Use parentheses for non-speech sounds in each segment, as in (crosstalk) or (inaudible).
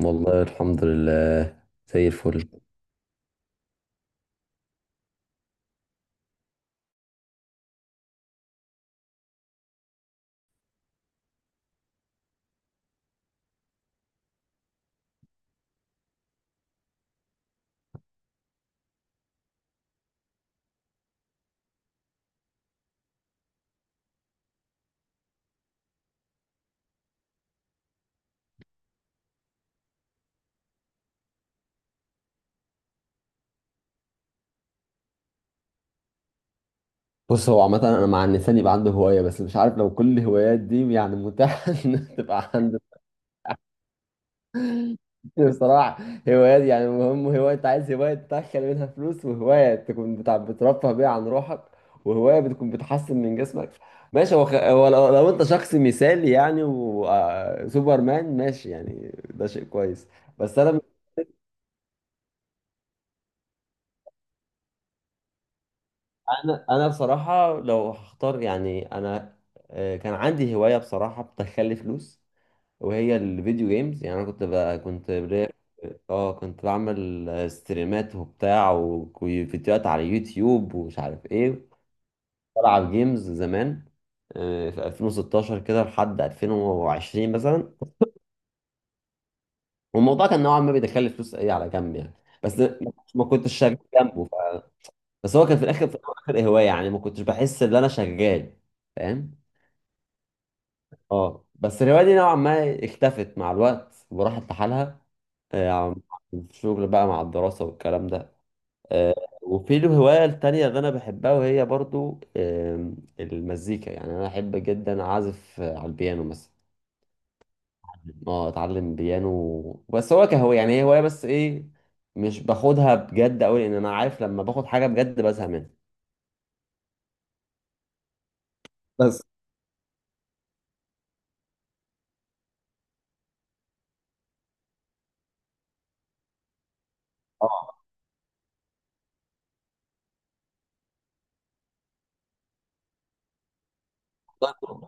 والله الحمد لله، زي الفل. بص، هو عامة أنا مع إن الإنسان يبقى عنده هواية، بس مش عارف لو كل الهوايات دي يعني متاحة (laughs) إن تبقى عنده. بصراحة هوايات، يعني المهم هواية أنت عايز هواية تدخل منها فلوس، وهواية تكون بتاع بترفه بيها عن روحك، وهواية بتكون بتحسن من جسمك. ماشي. هو لو أنت شخص مثالي يعني، وسوبر مان، ماشي يعني ده شيء كويس. بس أنا انا انا بصراحه لو هختار يعني، انا كان عندي هوايه بصراحه بتخلي فلوس، وهي الفيديو جيمز. يعني انا كنت بقى كنت بلاقي- اه كنت بعمل ستريمات وبتاع وفيديوهات على يوتيوب ومش عارف ايه. بلعب جيمز زمان في 2016 كده لحد 2020 مثلا. والموضوع كان نوعا ما بيدخل فلوس ايه على جنب يعني، بس ما كنتش شغال جنبه بس هو كان في الاخر هوايه، يعني ما كنتش بحس ان انا شغال، فاهم. اه بس الهواية دي نوعا ما اختفت مع الوقت وراحت لحالها. آه، عم- الشغل بقى مع الدراسة والكلام ده. آه، وفي الهواية التانية اللي أنا بحبها، وهي برضو المزيكا. يعني أنا أحب جدا أعزف على البيانو مثلا، اه أتعلم بيانو، بس هو كهواية، يعني هي هواية بس إيه، مش باخدها بجد أوي لأن أنا عارف لما باخد حاجة بجد بزهق منها. بس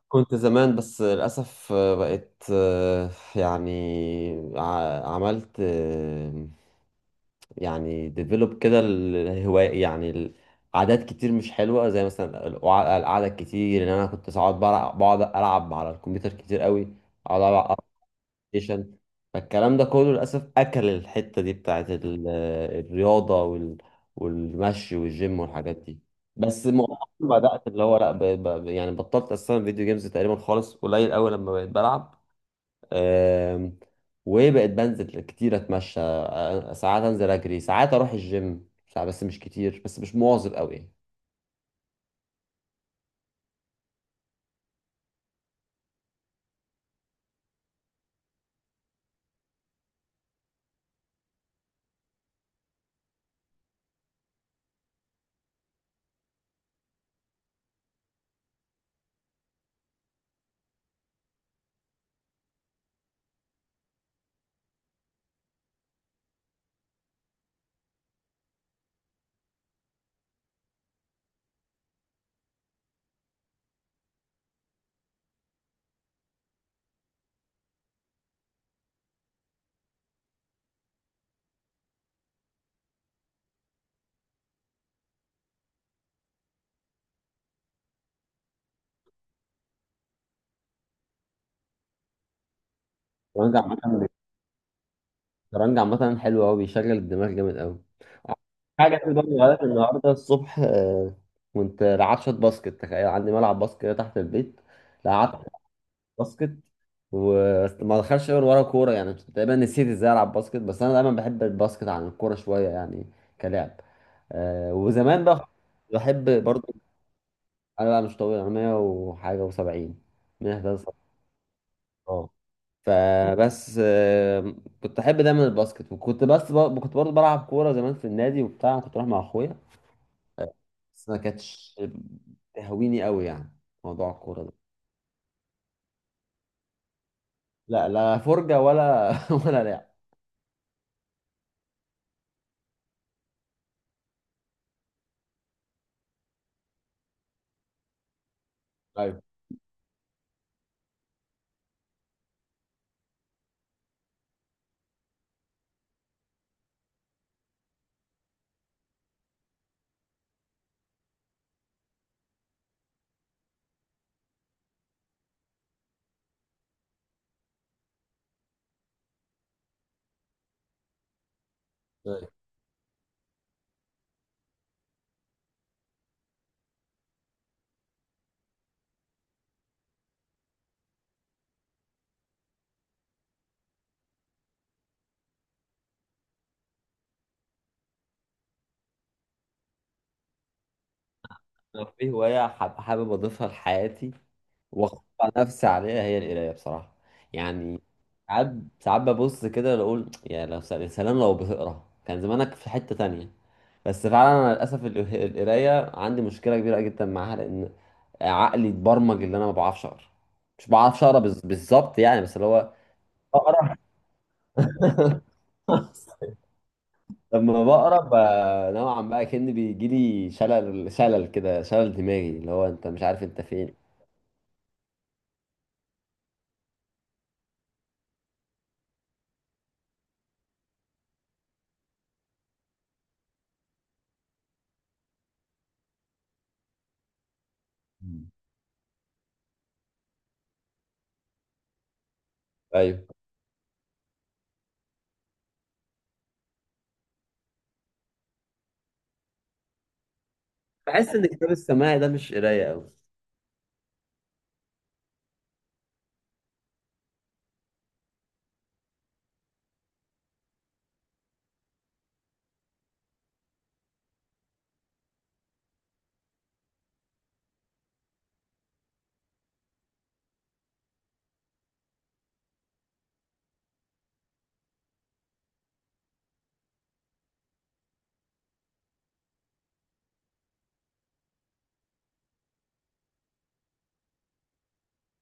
كنت زمان، بس للأسف آه، بقيت آه، يعني ع- عملت آه، يعني ديفلوب كده الهواية، يعني عادات كتير مش حلوة، زي مثلا القعدة الكتير، إن أنا كنت ساعات بقعد ألعب على الكمبيوتر كتير قوي، أقعد ألعب ستيشن. فالكلام ده كله للأسف أكل الحتة دي بتاعت الرياضة والمشي والجيم والحاجات دي. بس مؤخرا بدأت اللي هو لا يعني بطلت أصلا فيديو جيمز تقريبا خالص، قليل أوي لما بقيت بلعب. أم... وبقيت بنزل كتير أتمشى، ساعات أنزل أجري، ساعات أروح الجيم، ساعات، بس مش كتير، بس مش مواظب أوي يعني. الشطرنج عامة، الشطرنج عامة حلو أوي، بيشغل الدماغ جامد أوي. حاجة في برضه غلط النهاردة الصبح، كنت لعبت شوط باسكت. تخيل عندي ملعب باسكت كده تحت البيت. لعبت شوط باسكت وما دخلش غير ورا كورة، يعني تقريبا نسيت ازاي العب باسكت، بس انا دايما بحب الباسكت عن الكورة شوية يعني، كلاعب. وزمان بقى بحب برضه. انا بقى مش طويل، انا 100 وحاجة و70، 173. اه فبس كنت احب دايما الباسكت، وكنت بس كنت برضه بلعب كورة زمان في النادي وبتاع، كنت بروح مع اخويا، بس ما كانتش تهويني قوي يعني، موضوع الكورة ده، لا لا فرجة ولا (laughs) ولا لعب. طيب طيب. لو في هواية حابب أضيفها لحياتي وأخطأ نفسي عليها، هي القراية بصراحة. يعني ساعات، ساعات ببص كده أقول يا سلام لو بتقرا كان زمانك في حتة تانية. بس فعلا أنا للأسف القراية عندي مشكلة كبيرة جدا معاها، لأن عقلي اتبرمج إن أنا ما بعرفش أقرا، مش بعرفش أقرا بالظبط يعني، بس اللي هو أقرا، لما بقرا نوعا ما كأن بيجي لي شلل، شلل كده، شلل دماغي، اللي هو انت مش عارف انت فين. مم. ايوه، بحس ان الكتاب السماعي ده مش قرايه قوي.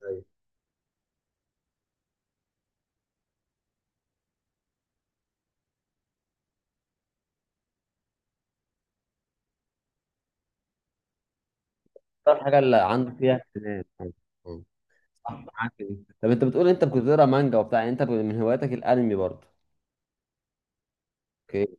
أيوة. الحاجه اللي عنده فيها اهتمام، أيوة. مم. صح، معاك في دي. طب انت بتقول انت كنت بتقرا مانجا وبتاع، يعني انت من هواياتك الانمي برضه، اوكي.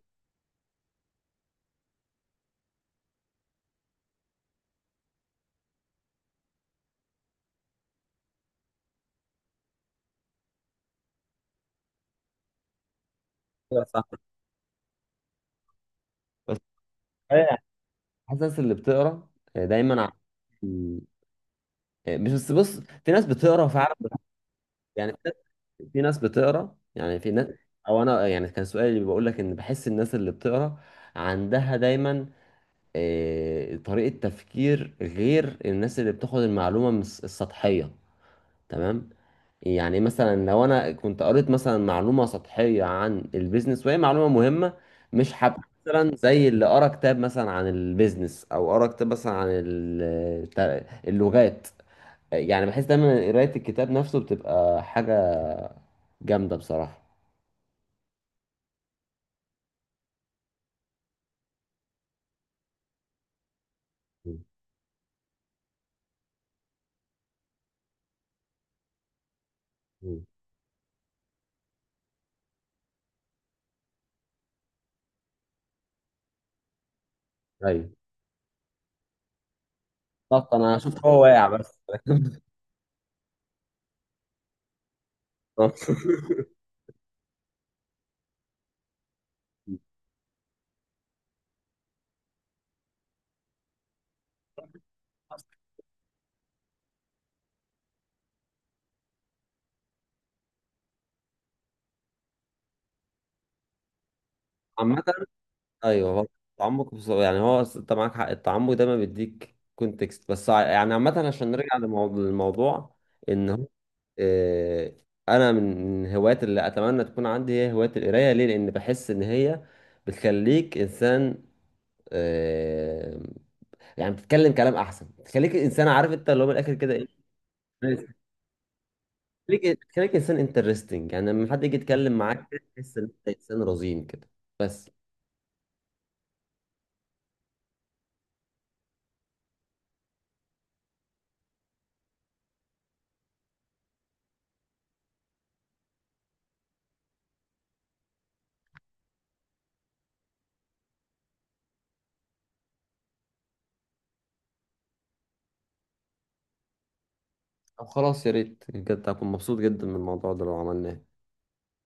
أيوة صح. بس أنا حاسس اللي بتقرا آه، دايما ع- مش بس، بص، في ناس بتقرا فعلا. يعني في ناس بتقرا يعني في ناس، او انا يعني كان سؤالي، اللي بقول لك ان بحس الناس اللي بتقرا عندها دايما طريقة تفكير غير الناس اللي بتاخد المعلومة من السطحية، تمام. يعني مثلا لو انا كنت قريت مثلا معلومة سطحية عن البيزنس، وهي معلومة مهمة، مش هبقى مثلا زي اللي قرا كتاب مثلا عن البيزنس، او قرا كتاب مثلا عن اللغات. يعني بحس دايما قراية الكتاب نفسه بتبقى حاجة جامدة بصراحة. مم. ايوه بالظبط، انا شفت هو واقع بس. (laughs) عامة ايوه، هو التعمق انت معاك حق، التعمق دايما بيديك كونتكست، بس يعني عامة عشان نرجع للموضوع، ان هو آه، انا من الهوايات اللي اتمنى تكون عندي هي هواية القراية. ليه؟ لان بحس ان هي بتخليك انسان، آه، يعني بتتكلم كلام احسن، بتخليك انسان عارف، انت اللي هو من الاخر كده، ايه، خليك انسان انترستنج، يعني لما حد يجي يتكلم معاك كده تحس ان انت انسان رزين كده. بس. طب خلاص، يا ريت بجد، هكون مبسوط جدا من الموضوع ده لو عملناه.